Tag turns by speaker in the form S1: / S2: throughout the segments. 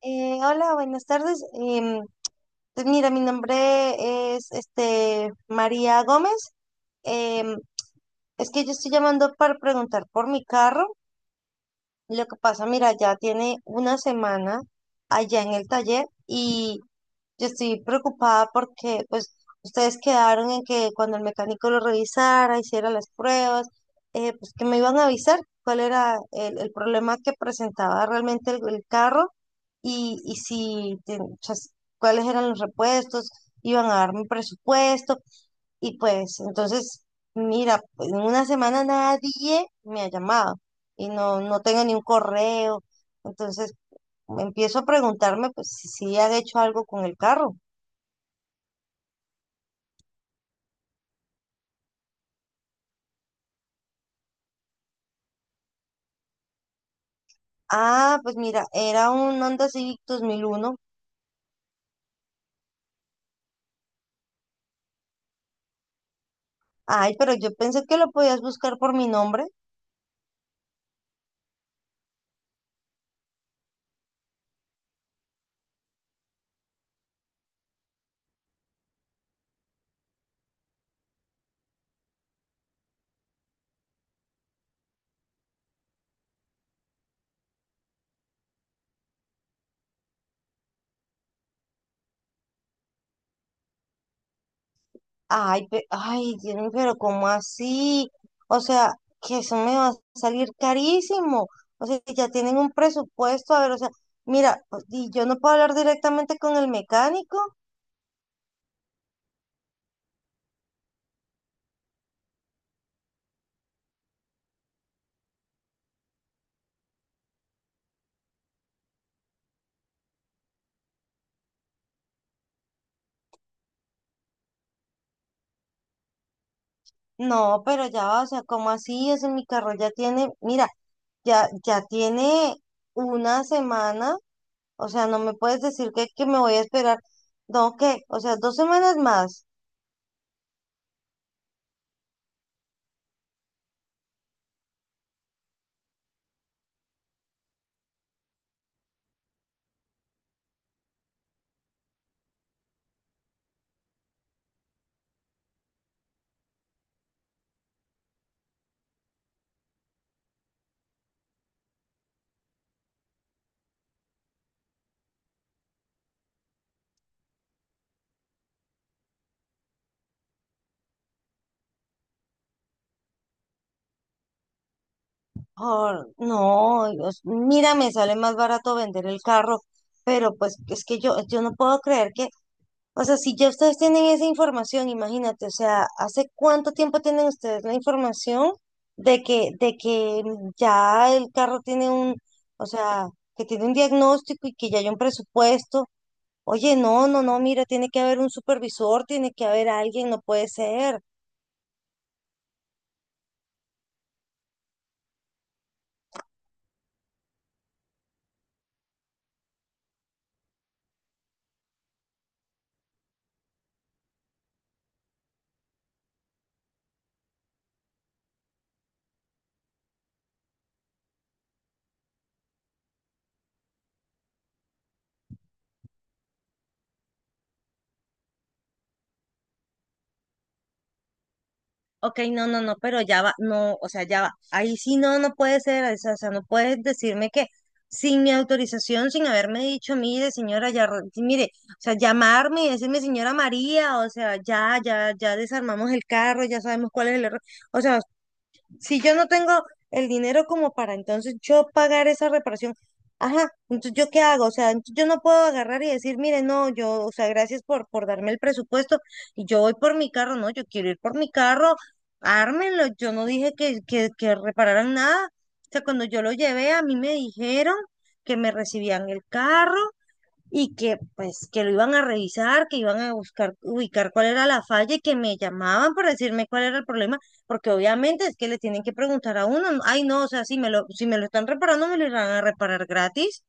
S1: Hola, buenas tardes. Pues mira, mi nombre es María Gómez. Em, es que yo estoy llamando para preguntar por mi carro. Lo que pasa, mira, ya tiene una semana allá en el taller y yo estoy preocupada porque pues ustedes quedaron en que cuando el mecánico lo revisara, hiciera las pruebas, pues que me iban a avisar cuál era el problema que presentaba realmente el carro y, cuáles eran los repuestos, iban a darme un presupuesto, y pues entonces, mira, pues, en una semana nadie me ha llamado y no, no tengo ni un correo. Entonces empiezo a preguntarme pues si, si han hecho algo con el carro. Ah, pues mira, era un Honda Civic 2001. Ay, pero yo pensé que lo podías buscar por mi nombre. Ay, ay, Dios mío, pero ¿cómo así? O sea, que eso me va a salir carísimo. O sea, que ya tienen un presupuesto. A ver, o sea, mira, pues, y yo no puedo hablar directamente con el mecánico. No, pero ya, va, o sea, ¿cómo así? Ese mi carro ya tiene, mira, ya, ya tiene una semana. O sea, no me puedes decir que me voy a esperar. No, ¿qué? O sea, dos semanas más. Ah, no, Dios, mira, me sale más barato vender el carro, pero pues es que yo no puedo creer que, o sea, si ya ustedes tienen esa información, imagínate, o sea, ¿hace cuánto tiempo tienen ustedes la información de que, ya el carro tiene un, o sea, que tiene un diagnóstico y que ya hay un presupuesto? Oye, no, no, no, mira, tiene que haber un supervisor, tiene que haber alguien, no puede ser. Ok, no, no, no, pero ya va, no, o sea, ya va. Ahí sí no, no puede ser, o sea, no puedes decirme que sin mi autorización, sin haberme dicho, mire, señora, ya, sí, mire, o sea, llamarme y decirme, señora María, o sea, ya, ya, ya desarmamos el carro, ya sabemos cuál es el error. O sea, si yo no tengo el dinero como para entonces yo pagar esa reparación, ajá, entonces yo qué hago, o sea, entonces yo no puedo agarrar y decir, mire, no, yo, o sea, gracias por darme el presupuesto y yo voy por mi carro, no, yo quiero ir por mi carro, ármenlo, yo no dije que, que repararan nada, o sea, cuando yo lo llevé a mí me dijeron que me recibían el carro y que pues que lo iban a revisar, que iban a buscar, ubicar cuál era la falla y que me llamaban para decirme cuál era el problema, porque obviamente es que le tienen que preguntar a uno, ay no, o sea, si me lo, si me lo están reparando, me lo irán a reparar gratis.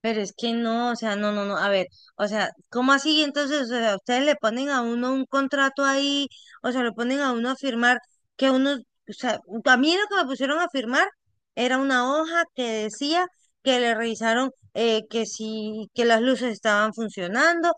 S1: Pero es que no, o sea, no, no, no, a ver, o sea, ¿cómo así? Entonces, o sea, ustedes le ponen a uno un contrato ahí, o sea, le ponen a uno a firmar que uno, o sea, a mí lo que me pusieron a firmar era una hoja que decía que le revisaron que si, que las luces estaban funcionando,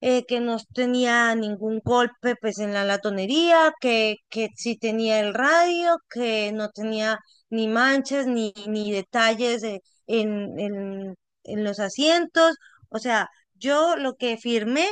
S1: que no tenía ningún golpe pues en la latonería, que sí tenía el radio, que no tenía ni manchas ni, ni detalles en, en, en los asientos. O sea, yo lo que firmé,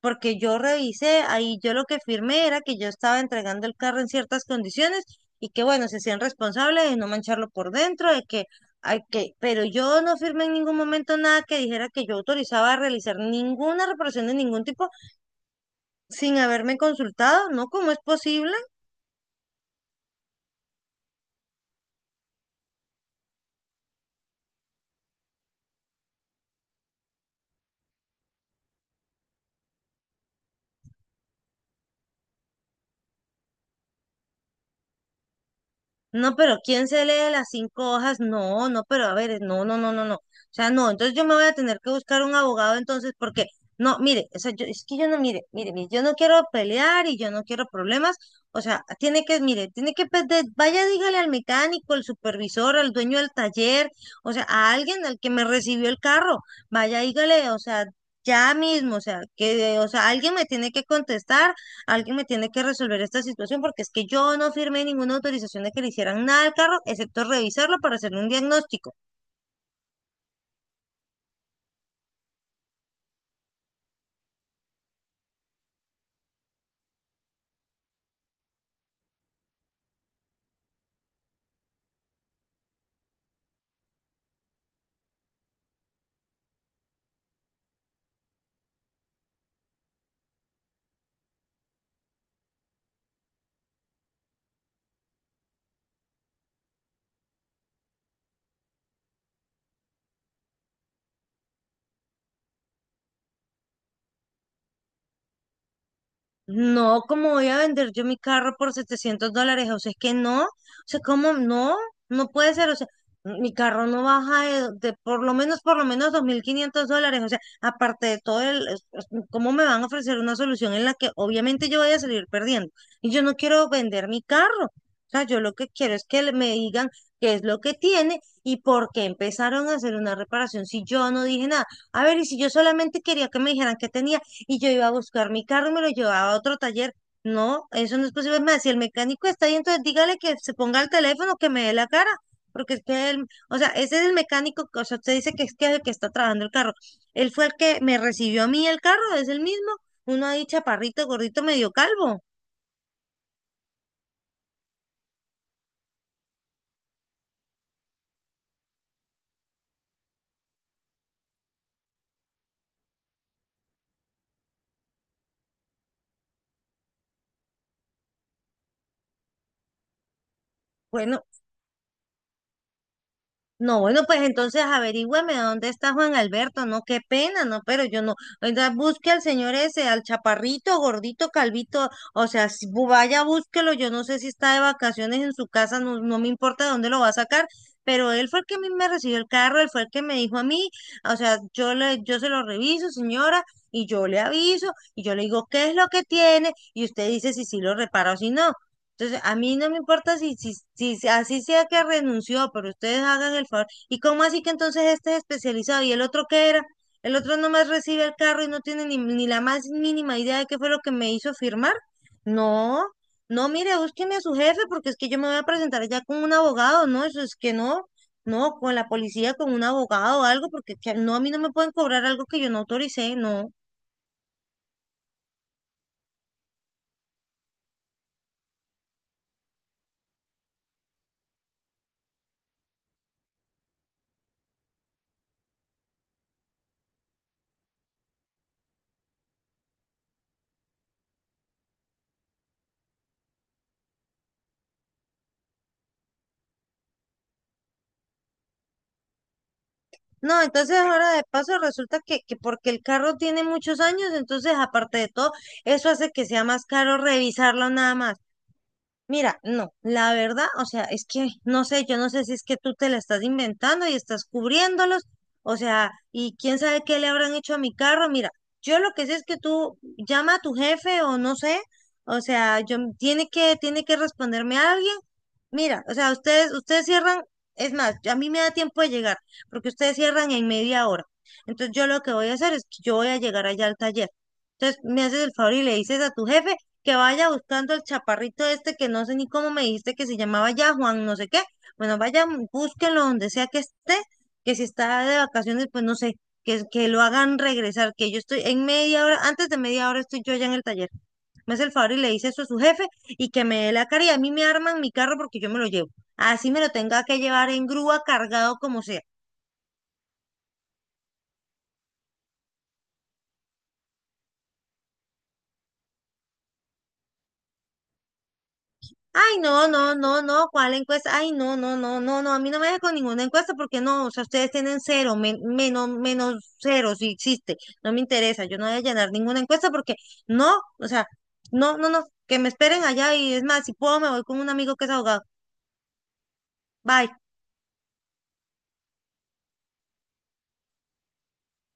S1: porque yo revisé ahí, yo lo que firmé era que yo estaba entregando el carro en ciertas condiciones y que bueno, se sean responsables de no mancharlo por dentro, de que ok, pero yo no firmé en ningún momento nada que dijera que yo autorizaba a realizar ninguna reparación de ningún tipo sin haberme consultado, ¿no? ¿Cómo es posible? No, pero ¿quién se lee las cinco hojas? No, no, pero a ver, no, no, no, no, no. O sea, no, entonces yo me voy a tener que buscar un abogado entonces porque, no, mire, o sea, yo, es que yo no, mire, mire, mire, yo no quiero pelear y yo no quiero problemas. O sea, tiene que, mire, tiene que, vaya, dígale al mecánico, al supervisor, al dueño del taller, o sea, a alguien al que me recibió el carro, vaya, dígale, o sea, ya mismo, o sea, que, o sea, alguien me tiene que contestar. Alguien me tiene que resolver esta situación porque es que yo no firmé ninguna autorización de que le hicieran nada al carro, excepto revisarlo para hacer un diagnóstico. No, ¿cómo voy a vender yo mi carro por $700? O sea, es que no, o sea, ¿cómo no? No puede ser, o sea, mi carro no baja de por lo menos $2500, o sea, aparte de todo el, ¿cómo me van a ofrecer una solución en la que obviamente yo voy a salir perdiendo? Y yo no quiero vender mi carro, o sea, yo lo que quiero es que me digan qué es lo que tiene y por qué empezaron a hacer una reparación si yo no dije nada. A ver, y si yo solamente quería que me dijeran qué tenía y yo iba a buscar mi carro y me lo llevaba a otro taller. No, eso no es posible. Me decía el mecánico está ahí, entonces dígale que se ponga el teléfono, que me dé la cara, porque es que él, o sea, ese es el mecánico, o sea, usted dice que es que el que está trabajando el carro. Él fue el que me recibió a mí el carro, es el mismo, uno ahí chaparrito, gordito, medio calvo. Bueno, no, bueno, pues entonces averígüeme dónde está Juan Alberto, no, qué pena, no, pero yo no, oiga, busque al señor ese, al chaparrito, gordito, calvito, o sea, si bu- vaya, búsquelo, yo no sé si está de vacaciones en su casa, no, no me importa dónde lo va a sacar, pero él fue el que a mí me recibió el carro, él fue el que me dijo a mí, o sea, yo le, yo se lo reviso, señora, y yo le aviso, y yo le digo, ¿qué es lo que tiene? Y usted dice si sí lo repara o si no. Entonces, a mí no me importa si, si, así sea que renunció, pero ustedes hagan el favor. ¿Y cómo así que entonces este es especializado y el otro qué era? El otro nomás recibe el carro y no tiene ni, ni la más mínima idea de qué fue lo que me hizo firmar. No, no, mire, búsqueme a su jefe porque es que yo me voy a presentar ya con un abogado, ¿no? Eso es que no, no, con la policía, con un abogado o algo, porque no, a mí no me pueden cobrar algo que yo no autoricé, no. No, entonces ahora de paso resulta que, porque el carro tiene muchos años, entonces aparte de todo, eso hace que sea más caro revisarlo nada más. Mira, no, la verdad, o sea, es que no sé, yo no sé si es que tú te la estás inventando y estás cubriéndolos, o sea, y quién sabe qué le habrán hecho a mi carro. Mira, yo lo que sé es que tú llama a tu jefe o no sé, o sea, yo tiene que responderme a alguien. Mira, o sea, ustedes, ustedes cierran, es más, a mí me da tiempo de llegar, porque ustedes cierran en media hora. Entonces yo lo que voy a hacer es que yo voy a llegar allá al taller. Entonces me haces el favor y le dices a tu jefe que vaya buscando el chaparrito este que no sé ni cómo me dijiste que se llamaba ya Juan, no sé qué. Bueno, vaya, búsquenlo donde sea que esté, que si está de vacaciones, pues no sé, que, lo hagan regresar, que yo estoy en media hora, antes de media hora estoy yo allá en el taller. Me hace el favor y le dice eso a su jefe y que me dé la cara y a mí me arman mi carro porque yo me lo llevo. Así me lo tenga que llevar en grúa, cargado como sea. Ay, no, no, no, no, ¿cuál encuesta? Ay, no, no, no, no, no, a mí no me deja con ninguna encuesta porque no, o sea, ustedes tienen cero, menos, menos cero si existe, no me interesa, yo no voy a llenar ninguna encuesta porque no, o sea, no, no, no, que me esperen allá y es más, si puedo me voy con un amigo que es abogado. Bye.